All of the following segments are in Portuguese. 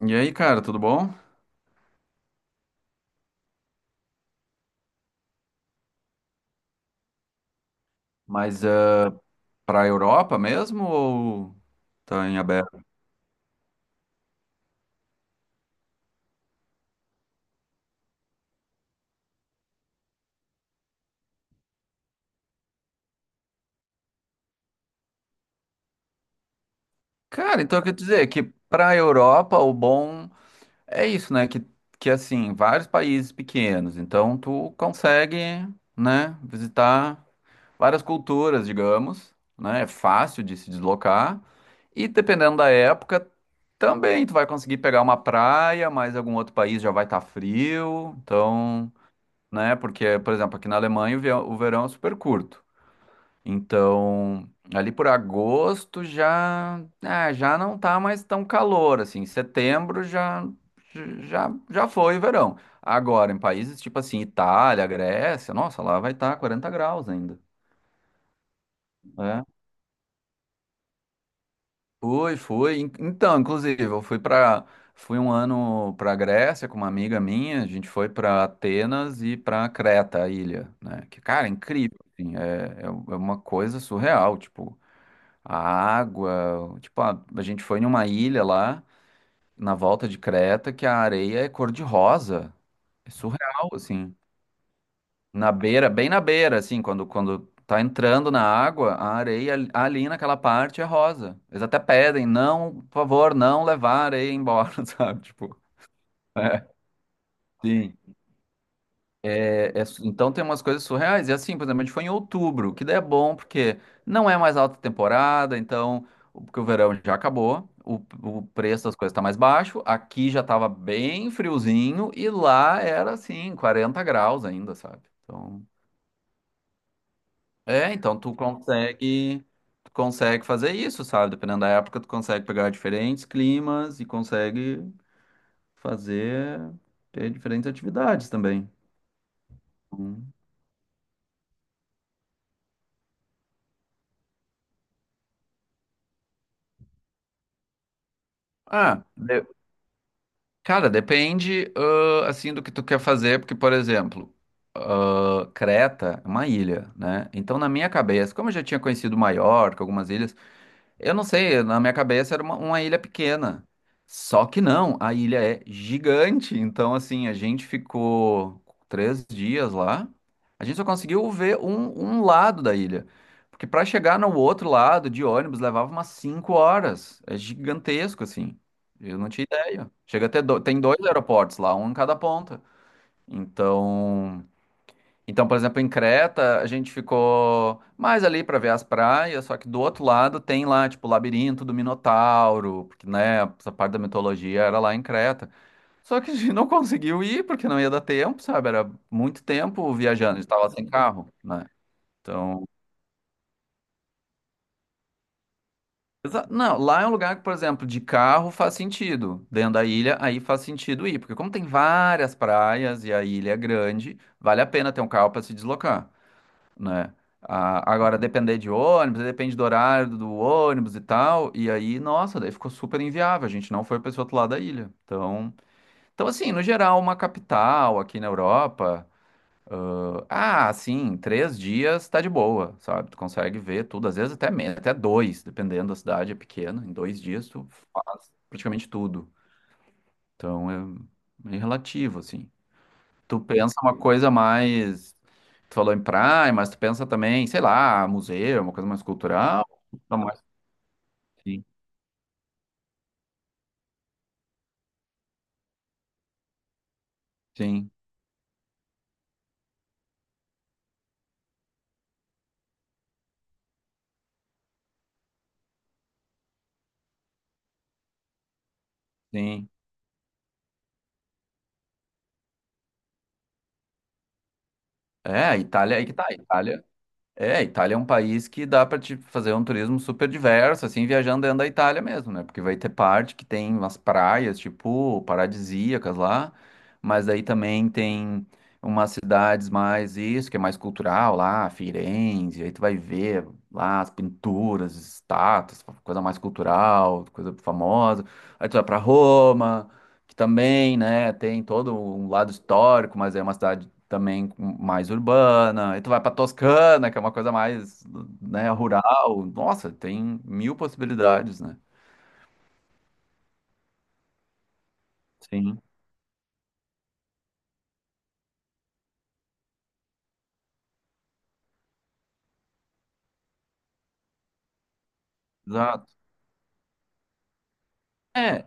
E aí, cara, tudo bom? Mas eh, Pra Europa mesmo ou tá em aberto? Cara, então eu quero dizer que para a Europa o bom é isso, né? Que assim, vários países pequenos, então tu consegue, né, visitar várias culturas, digamos, né? É fácil de se deslocar. E dependendo da época, também tu vai conseguir pegar uma praia, mas algum outro país já vai estar frio, então. Né? Porque, por exemplo, aqui na Alemanha o verão é super curto. Então, ali por agosto já, é, já não tá mais tão calor, assim. Setembro já foi verão. Agora, em países tipo assim, Itália, Grécia, nossa, lá vai estar 40 graus ainda. Né? Foi, foi. Então, inclusive, fui um ano para Grécia com uma amiga minha. A gente foi para Atenas e para Creta, a ilha, né? Que, cara, é incrível. Assim, é uma coisa surreal. Tipo, a água. Tipo, a gente foi numa ilha lá na volta de Creta que a areia é cor-de-rosa. É surreal, assim. Na beira, bem na beira, assim, quando tá entrando na água, a areia ali naquela parte é rosa. Eles até pedem, não, por favor, não levar a areia embora, sabe? Tipo, é, sim. Então tem umas coisas surreais. E assim, por exemplo, a gente foi em outubro, que daí é bom porque não é mais alta temporada, então, porque o verão já acabou, o preço das coisas tá mais baixo, aqui já tava bem friozinho e lá era assim, 40 graus ainda, sabe? Então. É, então tu consegue fazer isso, sabe? Dependendo da época, tu consegue pegar diferentes climas e consegue fazer ter diferentes atividades também. Hum. Ah, de- Cara, depende, assim, do que tu quer fazer, porque, por exemplo, Creta é uma ilha, né? Então, na minha cabeça, como eu já tinha conhecido Maiorca, algumas ilhas. Eu não sei, na minha cabeça era uma ilha pequena. Só que não, a ilha é gigante. Então, assim, a gente ficou 3 dias lá. A gente só conseguiu ver um lado da ilha. Porque para chegar no outro lado de ônibus levava umas 5 horas. É gigantesco, assim. Eu não tinha ideia. Chega a ter do... Tem 2 aeroportos lá, um em cada ponta. Então. Então, por exemplo, em Creta, a gente ficou mais ali para ver as praias, só que do outro lado tem lá, tipo, o labirinto do Minotauro, porque, né, essa parte da mitologia era lá em Creta. Só que a gente não conseguiu ir porque não ia dar tempo, sabe? Era muito tempo viajando, a gente tava sem carro, né? Então, não, lá é um lugar que, por exemplo, de carro faz sentido. Dentro da ilha, aí faz sentido ir, porque como tem várias praias e a ilha é grande, vale a pena ter um carro para se deslocar. Né? Ah, agora, depender de ônibus, depende do horário do ônibus e tal, e aí, nossa, daí ficou super inviável, a gente não foi para esse outro lado da ilha. Então, então, assim, no geral, uma capital aqui na Europa, ah, assim, 3 dias tá de boa, sabe? Tu consegue ver tudo, às vezes até menos, até dois, dependendo da cidade, é pequena, em dois dias tu faz praticamente tudo. Então, é meio relativo, assim. Tu pensa uma coisa mais. Tu falou em praia, mas tu pensa também, sei lá, museu, uma coisa mais cultural. uma mais- Sim, sim, sim. É, a Itália, aí que tá. A Itália. É, a Itália é um país que dá para te fazer um turismo super diverso, assim, viajando dentro da Itália mesmo, né? Porque vai ter parte que tem umas praias, tipo, paradisíacas lá, mas daí também tem umas cidades mais isso, que é mais cultural lá, Firenze, aí tu vai ver lá as pinturas, estátuas, coisa mais cultural, coisa famosa. Aí tu vai para Roma, que também, né, tem todo um lado histórico, mas é uma cidade mais urbana. E tu vai pra Toscana, que é uma coisa mais, né, rural. Nossa, tem mil possibilidades, né? Sim, exato. É,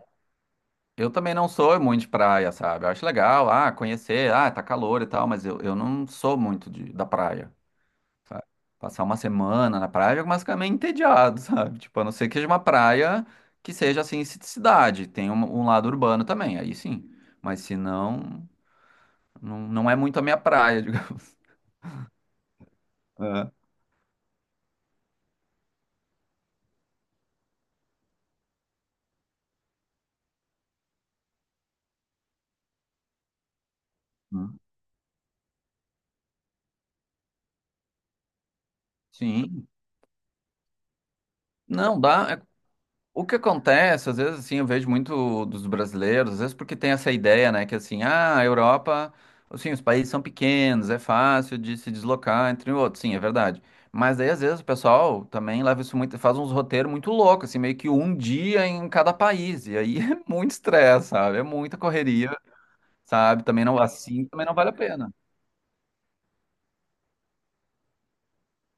eu também não sou muito de praia, sabe? Eu acho legal, ah, conhecer, ah, tá calor e tal, mas eu não sou muito de, da praia. Sabe? Passar uma semana na praia, eu ficar meio entediado, sabe? Tipo, a não ser que seja uma praia que seja assim, cidade, tem um, um lado urbano também, aí sim. Mas se não, não é muito a minha praia, digamos. É. Hum. Sim. Não, dá. O que acontece, às vezes, assim, eu vejo muito dos brasileiros, às vezes porque tem essa ideia, né, que assim, ah, a Europa, assim, os países são pequenos, é fácil de se deslocar entre outros, sim, é verdade. Mas aí, às vezes, o pessoal também leva isso muito, faz uns roteiros muito loucos, assim, meio que um dia em cada país, e aí é muito estresse, sabe, é muita correria, sabe, também não, assim, também não vale a pena.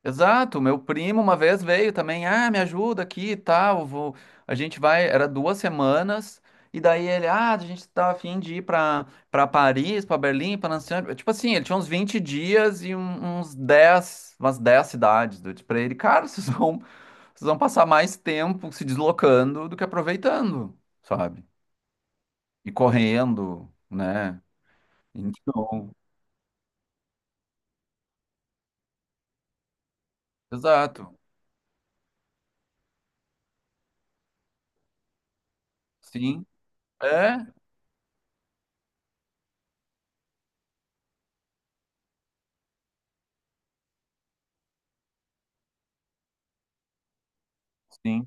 Exato, meu primo uma vez veio também, ah, me ajuda aqui e tal, vou... A gente vai, era 2 semanas, e daí ele, ah, a gente tá a fim de ir pra Paris, pra Berlim, pra Nancy, tipo assim, ele tinha uns 20 dias e uns 10, umas 10 cidades, eu disse pra ele, cara, vocês vão passar mais tempo se deslocando do que aproveitando, sabe? E correndo, né? Então, exato, sim, é, sim.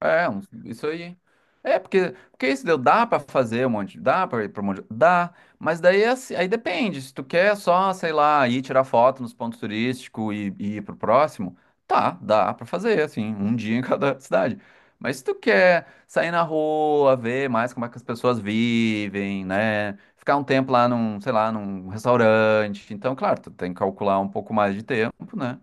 É, isso aí. É, porque isso deu, dá pra fazer um monte, dá pra ir pra um monte, dá, mas daí é assim, aí depende, se tu quer só, sei lá, ir tirar foto nos pontos turísticos e ir pro próximo, tá, dá pra fazer, assim, um dia em cada cidade. Mas se tu quer sair na rua, ver mais como é que as pessoas vivem, né, ficar um tempo lá num, sei lá, num restaurante, então, claro, tu tem que calcular um pouco mais de tempo, né,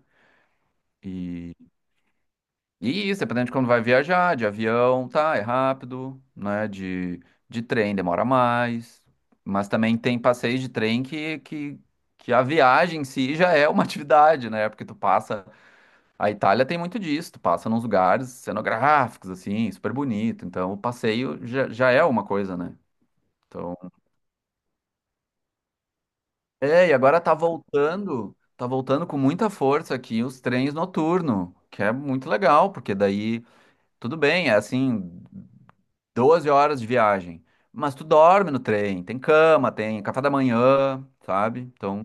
e isso, dependendo de quando vai viajar, de avião, tá, é rápido, né? De trem demora mais. Mas também tem passeios de trem que a viagem em si já é uma atividade, né? Porque tu passa. A Itália tem muito disso, tu passa nos lugares cenográficos, assim, super bonito. Então o passeio já, já é uma coisa, né? Então. É, e agora tá voltando com muita força aqui os trens noturnos, que é muito legal, porque daí, tudo bem, é assim. 12 horas de viagem. Mas tu dorme no trem, tem cama, tem café da manhã, sabe? Então,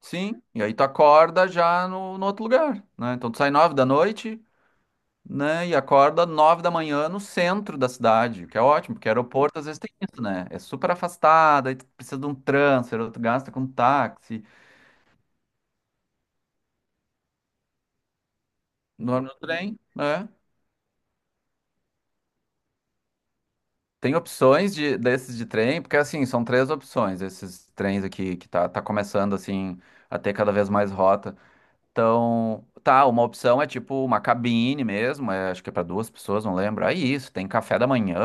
sim. E aí tu acorda já no, no outro lugar, né? Então tu sai 9 da noite, né? E acorda 9 da manhã no centro da cidade, o que é ótimo, porque aeroporto às vezes tem isso, né? É super afastado, aí tu precisa de um transfer, ou tu gasta com táxi, dorme no trem, né? Tem opções de, desses de trem, porque assim, são três opções, esses trens aqui que tá, tá começando assim a ter cada vez mais rotas. Então, tá, uma opção é tipo uma cabine mesmo, é, acho que é para duas pessoas, não lembro. Aí isso, tem café da manhã,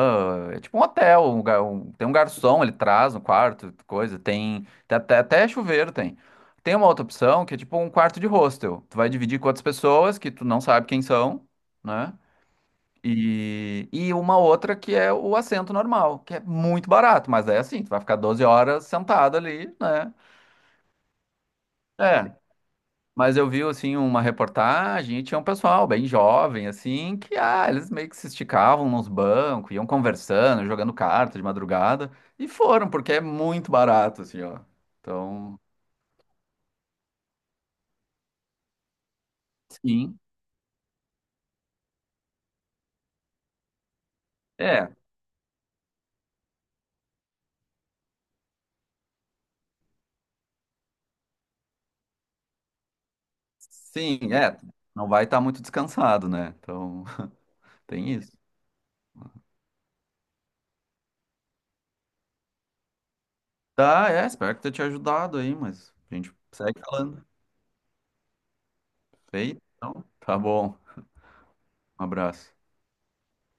é tipo um hotel, tem um garçom, ele traz no quarto, coisa, tem, até chuveiro tem. Tem uma outra opção que é tipo um quarto de hostel. Tu vai dividir com outras pessoas que tu não sabe quem são, né? E uma outra que é o assento normal, que é muito barato, mas é assim, tu vai ficar 12 horas sentado ali, né? É, mas eu vi, assim, uma reportagem e tinha um pessoal bem jovem, assim, que, ah, eles meio que se esticavam nos bancos, iam conversando, jogando carta de madrugada, e foram, porque é muito barato, assim, ó. Então, sim, é, sim, é, não vai estar muito descansado, né? Então, tem isso. Tá, é, espero que tenha te ajudado aí, mas a gente segue falando. Feito? Então, tá bom, um abraço.